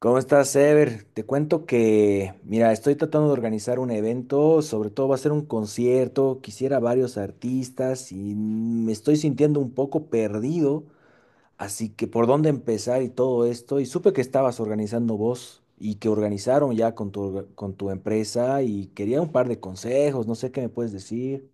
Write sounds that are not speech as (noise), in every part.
¿Cómo estás, Ever? Te cuento que, mira, estoy tratando de organizar un evento, sobre todo va a ser un concierto, quisiera varios artistas y me estoy sintiendo un poco perdido, así que por dónde empezar y todo esto, y supe que estabas organizando vos y que organizaron ya con tu empresa y quería un par de consejos, no sé qué me puedes decir.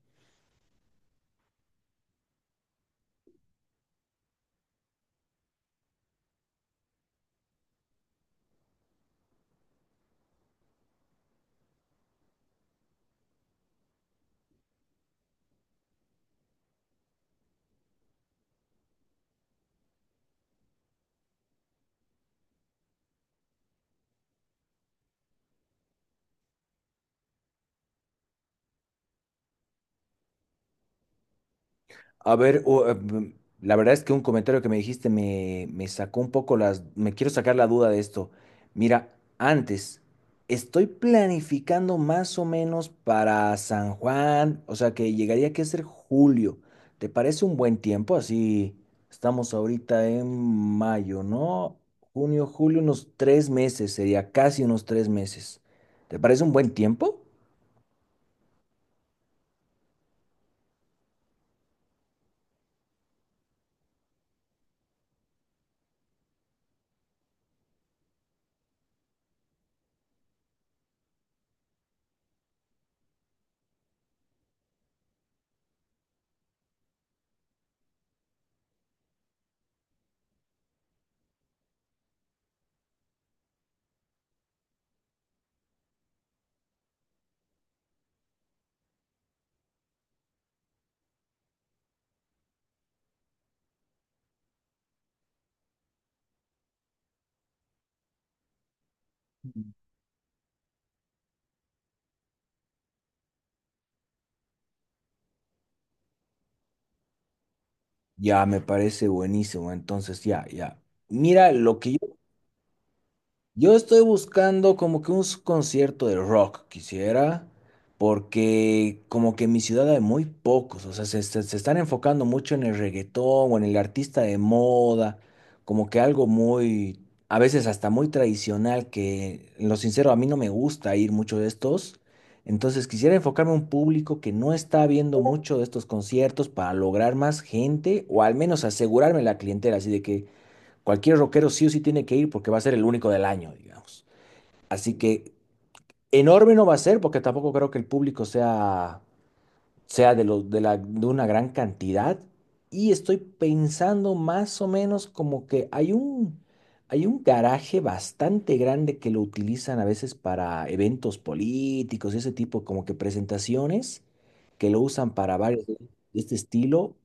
A ver, la verdad es que un comentario que me dijiste me sacó un poco las. Me quiero sacar la duda de esto. Mira, antes, estoy planificando más o menos para San Juan, o sea que llegaría que ser julio. ¿Te parece un buen tiempo? Así estamos ahorita en mayo, ¿no? Junio, julio, unos 3 meses, sería casi unos 3 meses. ¿Te parece un buen tiempo? Ya, me parece buenísimo. Entonces, ya, ya. Mira, lo que Yo estoy buscando como que un concierto de rock, quisiera, porque como que en mi ciudad hay muy pocos, o sea, se están enfocando mucho en el reggaetón o en el artista de moda, como que algo muy, a veces hasta muy tradicional, que en lo sincero a mí no me gusta ir mucho de estos, entonces quisiera enfocarme a un público que no está viendo mucho de estos conciertos para lograr más gente o al menos asegurarme la clientela, así de que. Cualquier rockero sí o sí tiene que ir porque va a ser el único del año, digamos. Así que enorme no va a ser porque tampoco creo que el público sea de, los de, la, de una gran cantidad. Y estoy pensando más o menos como que hay un garaje bastante grande que lo utilizan a veces para eventos políticos y ese tipo, como que presentaciones que lo usan para varios de este estilo.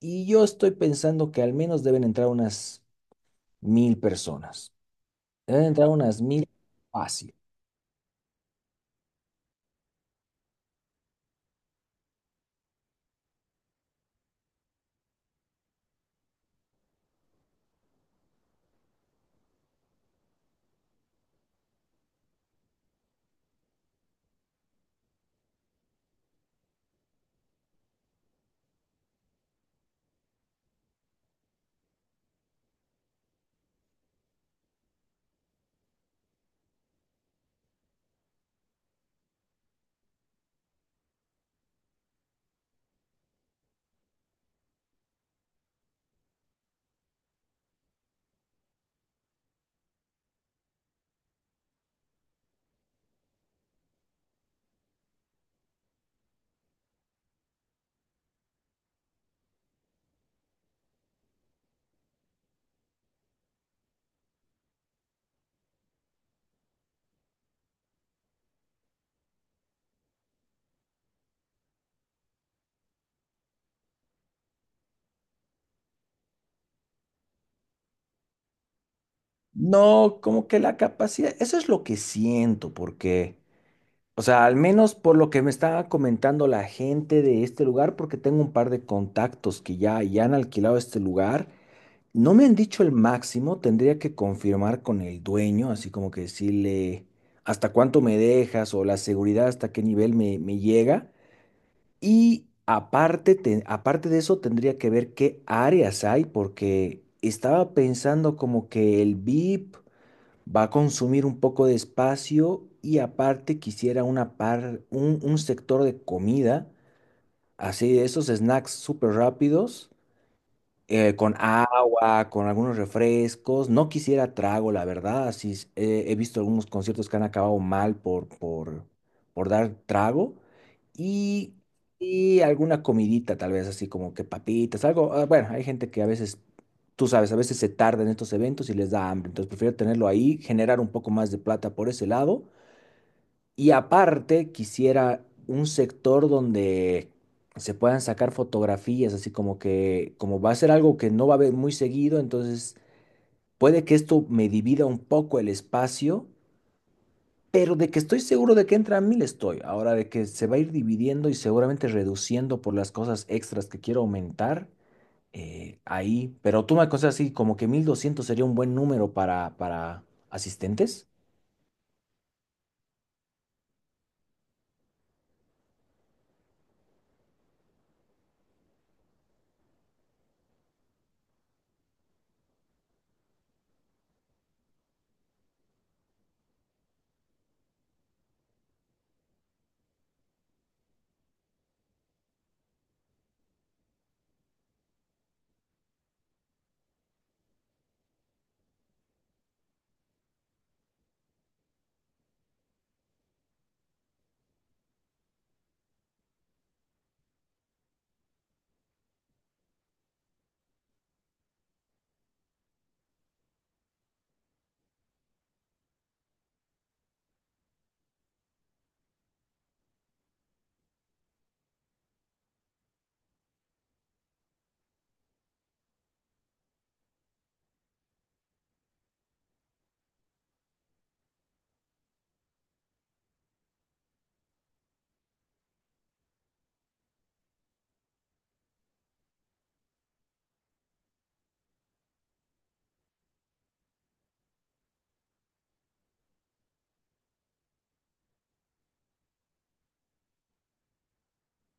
Y yo estoy pensando que al menos deben entrar unas 1000 personas. Deben entrar unas mil fácil. No, como que la capacidad, eso es lo que siento, porque, o sea, al menos por lo que me estaba comentando la gente de este lugar, porque tengo un par de contactos que ya han alquilado este lugar, no me han dicho el máximo, tendría que confirmar con el dueño, así como que decirle hasta cuánto me dejas o la seguridad, hasta qué nivel me llega. Y aparte, aparte de eso, tendría que ver qué áreas hay, porque estaba pensando como que el VIP va a consumir un poco de espacio y aparte quisiera un sector de comida, así de esos snacks súper rápidos con agua, con algunos refrescos. No quisiera trago, la verdad. Así es, he visto algunos conciertos que han acabado mal por dar trago. Y, y alguna comidita, tal vez, así como que papitas, algo. Bueno, hay gente que a veces, tú sabes, a veces se tarda en estos eventos y les da hambre. Entonces prefiero tenerlo ahí, generar un poco más de plata por ese lado y aparte, quisiera un sector donde se puedan sacar fotografías, así como que, como va a ser algo que no va a haber muy seguido, entonces puede que esto me divida un poco el espacio, pero de que estoy seguro de que entra a 1000 estoy. Ahora, de que se va a ir dividiendo y seguramente reduciendo por las cosas extras que quiero aumentar, ahí. Pero tú me aconsejas así, como que 1200 sería un buen número para asistentes.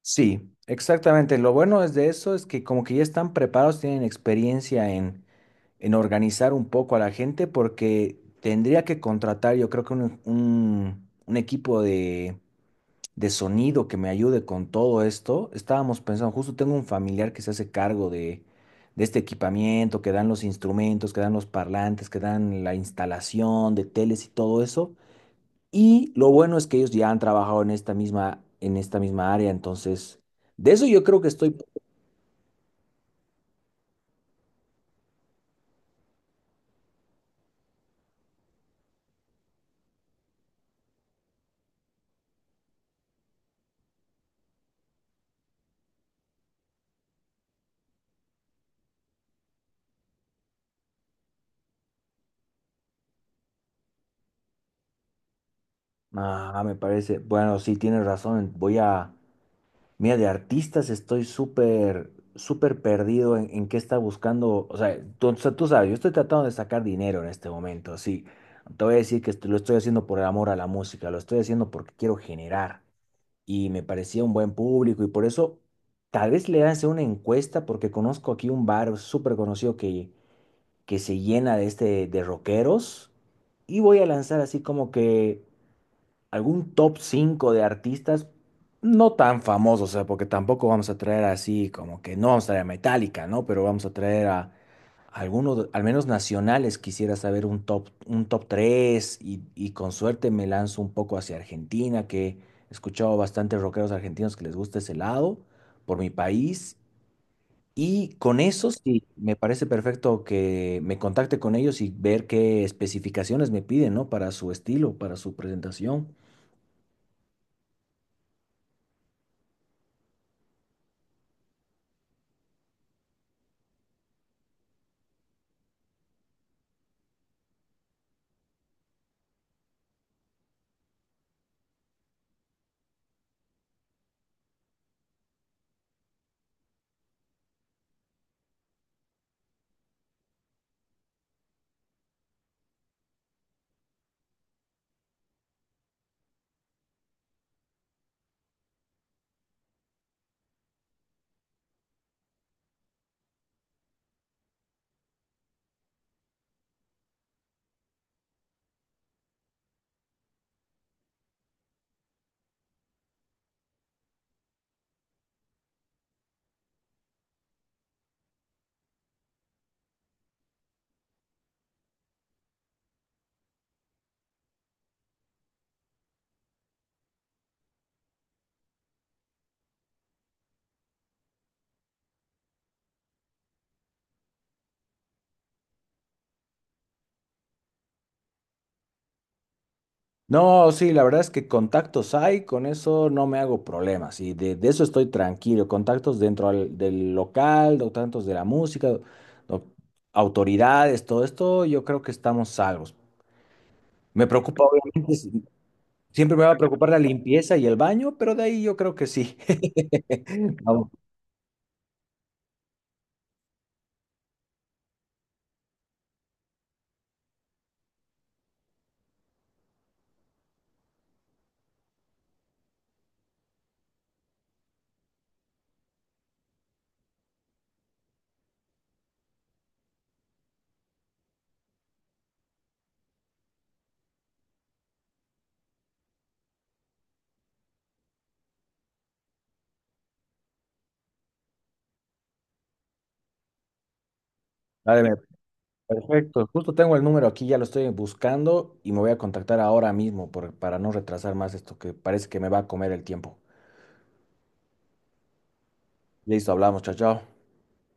Sí, exactamente. Lo bueno es de eso es que como que ya están preparados, tienen experiencia en organizar un poco a la gente porque tendría que contratar yo creo que un equipo de sonido que me ayude con todo esto. Estábamos pensando, justo tengo un familiar que se hace cargo de este equipamiento, que dan los instrumentos, que dan los parlantes, que dan la instalación de teles y todo eso. Y lo bueno es que ellos ya han trabajado en esta misma área, entonces, de eso yo creo que estoy. Me parece, bueno, sí, tienes razón, voy a, mira, de artistas estoy súper, súper perdido en qué está buscando, o sea, tú sabes, yo estoy tratando de sacar dinero en este momento, sí, te voy a decir que esto- lo estoy haciendo por el amor a la música, lo estoy haciendo porque quiero generar, y me parecía un buen público, y por eso, tal vez le hace una encuesta, porque conozco aquí un bar súper conocido que se llena de este de rockeros y voy a lanzar así como que algún top 5 de artistas no tan famosos, o sea, porque tampoco vamos a traer así como que no vamos a traer a Metallica, ¿no? Pero vamos a traer a algunos, al menos nacionales, quisiera saber un top, 3 y con suerte me lanzo un poco hacia Argentina, que he escuchado bastantes rockeros argentinos que les gusta ese lado por mi país y con eso sí, me parece perfecto que me contacte con ellos y ver qué especificaciones me piden, ¿no? Para su estilo, para su presentación. No, sí, la verdad es que contactos hay, con eso no me hago problemas y de eso estoy tranquilo. Contactos dentro del local, contactos de la música, do- autoridades, todo esto, yo creo que estamos salvos. Me preocupa, obviamente, siempre me va a preocupar la limpieza y el baño, pero de ahí yo creo que sí. (laughs) Vamos, dale. Perfecto, justo tengo el número aquí, ya lo estoy buscando y me voy a contactar ahora mismo para no retrasar más esto que parece que me va a comer el tiempo. Listo, hablamos, chao, chao.